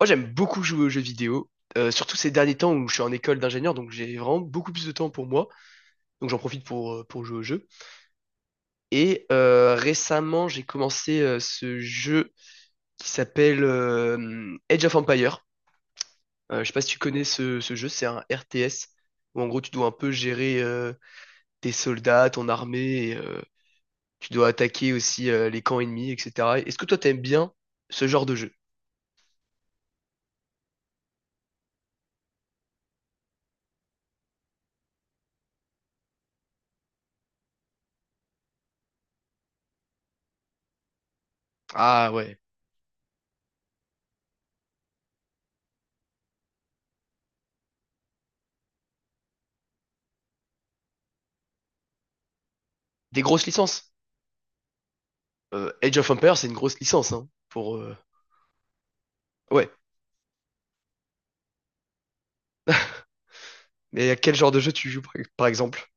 Moi, j'aime beaucoup jouer aux jeux vidéo, surtout ces derniers temps où je suis en école d'ingénieur, donc j'ai vraiment beaucoup plus de temps pour moi, donc j'en profite pour jouer aux jeux. Et récemment, j'ai commencé ce jeu qui s'appelle Age of Empire. Je sais pas si tu connais ce jeu, c'est un RTS où en gros tu dois un peu gérer tes soldats, ton armée, tu dois attaquer aussi les camps ennemis, etc. Est-ce que toi t'aimes bien ce genre de jeu? Ah ouais, des grosses licences. Age of Empire, c'est une grosse licence hein, ouais. Mais à quel genre de jeu tu joues, par exemple?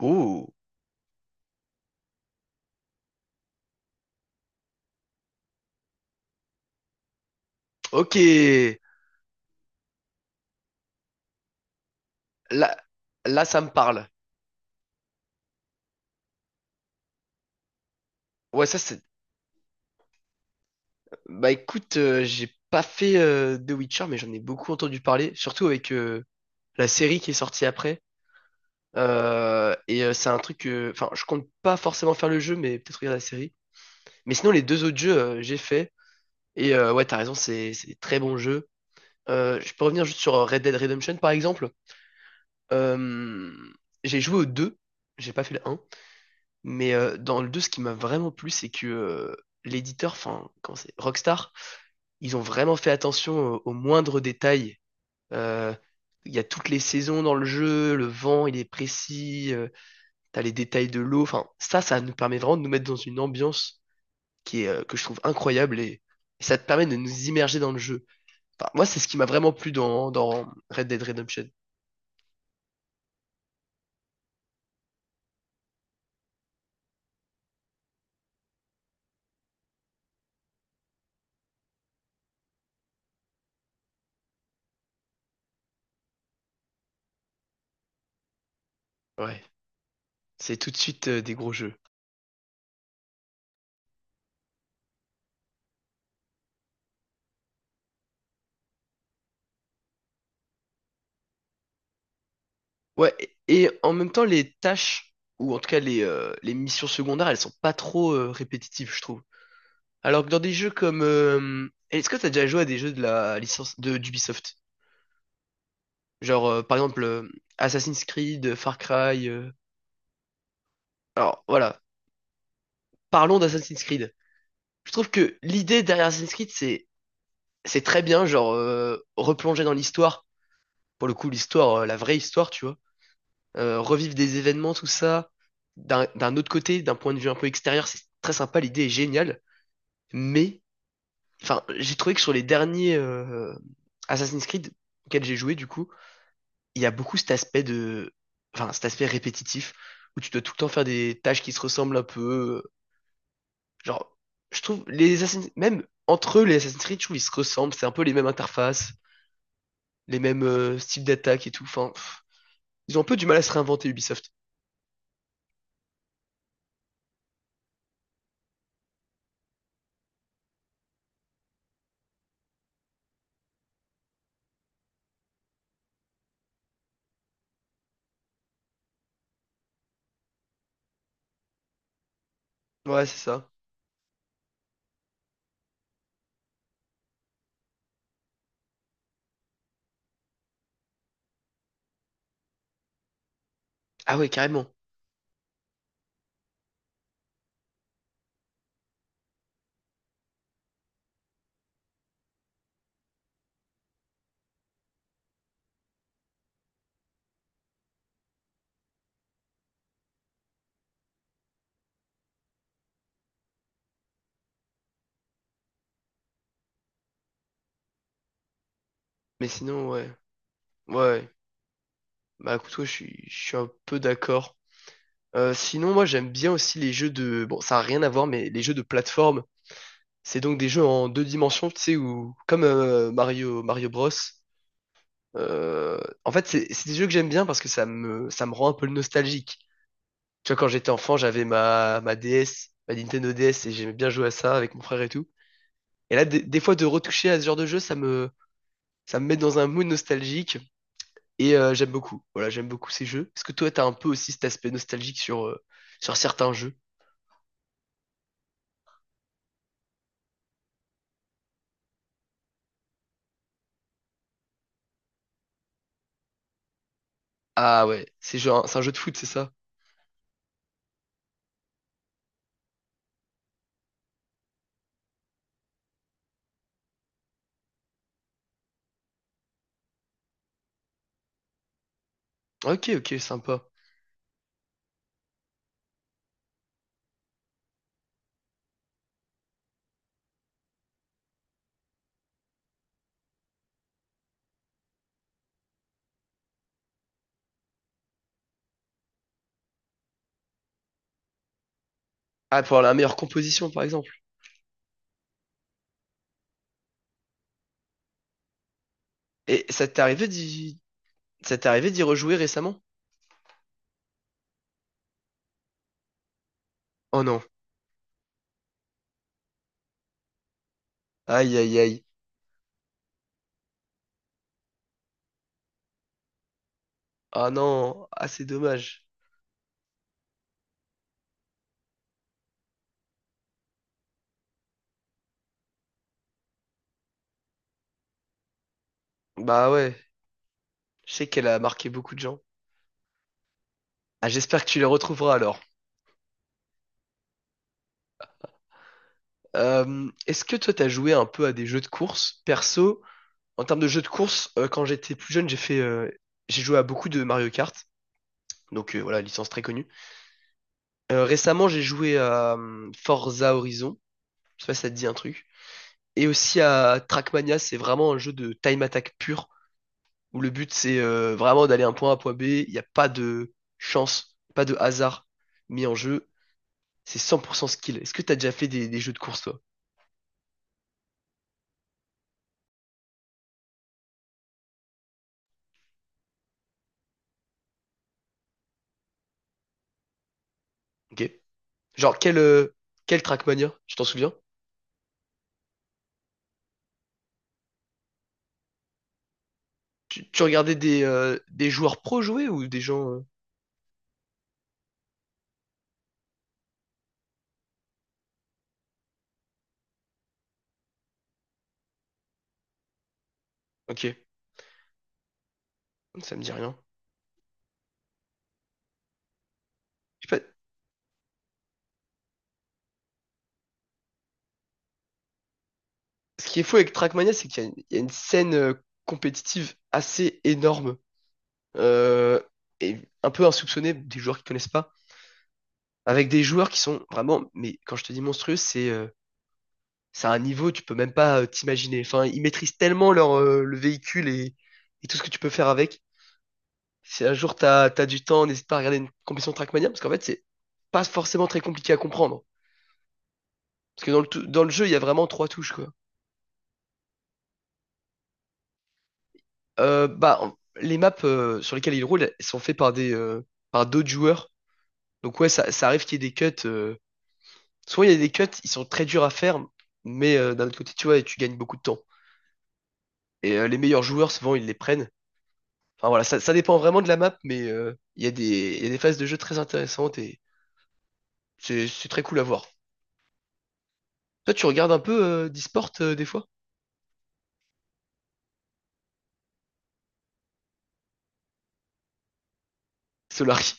Oh, ok. Là, là, ça me parle. Ouais, ça, c'est. Bah écoute, j'ai pas fait The Witcher, mais j'en ai beaucoup entendu parler, surtout avec la série qui est sortie après. C'est un truc que. Enfin, je compte pas forcément faire le jeu, mais peut-être regarder la série. Mais sinon, les deux autres jeux, j'ai fait. Et ouais, t'as raison, c'est des très bons jeux. Je peux revenir juste sur Red Dead Redemption, par exemple. Euh, j'ai joué aux deux, j'ai pas fait le un. Mais dans le 2, ce qui m'a vraiment plu, c'est que l'éditeur, enfin, comment c'est, Rockstar, ils ont vraiment fait attention aux moindres détails. Euh, Il y a toutes les saisons dans le jeu, le vent, il est précis, t'as les détails de l'eau. Enfin, ça nous permet vraiment de nous mettre dans une ambiance qui est, que je trouve incroyable et ça te permet de nous immerger dans le jeu. Enfin, moi, c'est ce qui m'a vraiment plu dans Red Dead Redemption. Ouais, c'est tout de suite des gros jeux. Ouais, et en même temps, les tâches, ou en tout cas les missions secondaires, elles sont pas trop répétitives, je trouve. Alors que dans des jeux comme... est-ce que t'as déjà joué à des jeux de la licence de d'Ubisoft? Genre, euh, par exemple, euh, Assassin's Creed, Far Cry... alors, voilà. Parlons d'Assassin's Creed. Je trouve que l'idée derrière Assassin's Creed, c'est très bien, replonger dans l'histoire. Pour le coup, l'histoire, la vraie histoire, tu vois. Revivre des événements, tout ça, d'un autre côté, d'un point de vue un peu extérieur, c'est très sympa, l'idée est géniale. Mais, enfin, j'ai trouvé que sur les derniers Assassin's Creed auxquels j'ai joué, du coup, il y a beaucoup cet aspect de, enfin, cet aspect répétitif où tu dois tout le temps faire des tâches qui se ressemblent un peu. Genre, je trouve les Assassin's, même entre eux, les Assassin's Creed, je trouve ils se ressemblent, c'est un peu les mêmes interfaces, les mêmes styles d'attaque et tout. Enfin, pff, ils ont un peu du mal à se réinventer Ubisoft. Ouais, c'est ça. Ah ouais, carrément. Mais sinon, ouais. Ouais. Bah écoute, ouais, je suis un peu d'accord. Sinon, moi, j'aime bien aussi les jeux de... Bon, ça n'a rien à voir, mais les jeux de plateforme. C'est donc des jeux en deux dimensions, tu sais, où... Comme Mario, Mario Bros. En fait, c'est des jeux que j'aime bien parce que ça me rend un peu nostalgique. Tu vois, quand j'étais enfant, j'avais ma DS, ma Nintendo DS, et j'aimais bien jouer à ça avec mon frère et tout. Et là, des fois, de retoucher à ce genre de jeu, ça me met dans un mood nostalgique, et j'aime beaucoup. Voilà, j'aime beaucoup ces jeux. Est-ce que toi, t'as un peu aussi cet aspect nostalgique sur certains jeux? Ah ouais, c'est genre c'est un jeu de foot, c'est ça? Ok, ok, sympa. Ah, pour la meilleure composition, par exemple. Et ça t'est arrivé d'y, ça t'est arrivé d'y rejouer récemment? Oh non. Aïe, aïe, aïe. Ah non, ah c'est dommage. Bah ouais, je sais qu'elle a marqué beaucoup de gens. Ah, j'espère que tu les retrouveras alors. Est-ce que toi t'as joué un peu à des jeux de course? Perso, en termes de jeux de course, quand j'étais plus jeune, j'ai joué à beaucoup de Mario Kart, donc voilà, licence très connue. Récemment, j'ai joué à Forza Horizon, je sais pas si ça te dit un truc. Et aussi à Trackmania, c'est vraiment un jeu de time attack pur, où le but c'est vraiment d'aller un point A, point B. Il n'y a pas de chance, pas de hasard mis en jeu. C'est 100% skill. Est-ce que t'as déjà fait des jeux de course, toi? Ok. Genre, quel, euh, quel Trackmania? Tu t'en souviens? Tu regardais des joueurs pro jouer ou des gens. Ok, ça me dit rien. Je sais pas. Ce qui est fou avec Trackmania, c'est qu'il y a une, il y a une scène compétitive assez énorme euh, et un peu insoupçonnée des joueurs qui connaissent pas, avec des joueurs qui sont vraiment, mais quand je te dis monstrueux, c'est à un niveau, tu peux même pas t'imaginer. Enfin, ils maîtrisent tellement le véhicule et tout ce que tu peux faire avec. Si un jour t'as du temps, n'hésite pas à regarder une compétition Trackmania, parce qu'en fait, c'est pas forcément très compliqué à comprendre. Parce que dans dans le jeu, il y a vraiment trois touches, quoi. Les maps sur lesquelles ils roulent, elles sont faites par des, par d'autres joueurs. Donc ouais, ça arrive qu'il y ait des cuts. euh, souvent, il y a des cuts, ils sont très durs à faire, mais d'un autre côté, tu vois, tu gagnes beaucoup de temps. Et les meilleurs joueurs, souvent, ils les prennent. Enfin voilà, ça dépend vraiment de la map, mais il y a des, il y a des phases de jeu très intéressantes et c'est très cool à voir. Toi, tu regardes un peu d'e-sport des fois? Solari,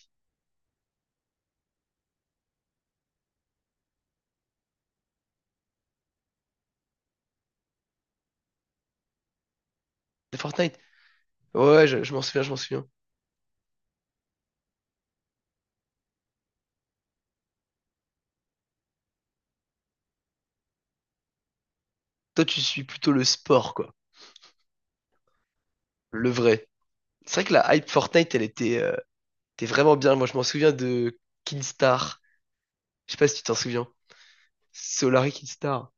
de Fortnite? Ouais, je m'en souviens, je m'en souviens. Toi, tu suis plutôt le sport, quoi. Le vrai. C'est vrai que la hype Fortnite, elle était vraiment bien. Moi, je m'en souviens de Kinstar. Je sais pas si tu t'en souviens. Solari Kinstar.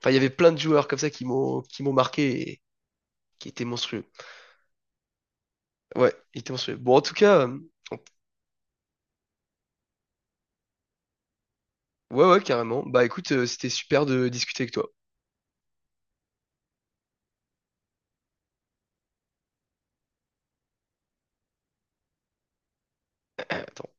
Enfin, il y avait plein de joueurs comme ça qui m'ont marqué et qui étaient monstrueux. Ouais, ils étaient monstrueux. Bon, en tout cas, ouais, ouais, carrément. Bah écoute, c'était super de discuter avec toi. Attends.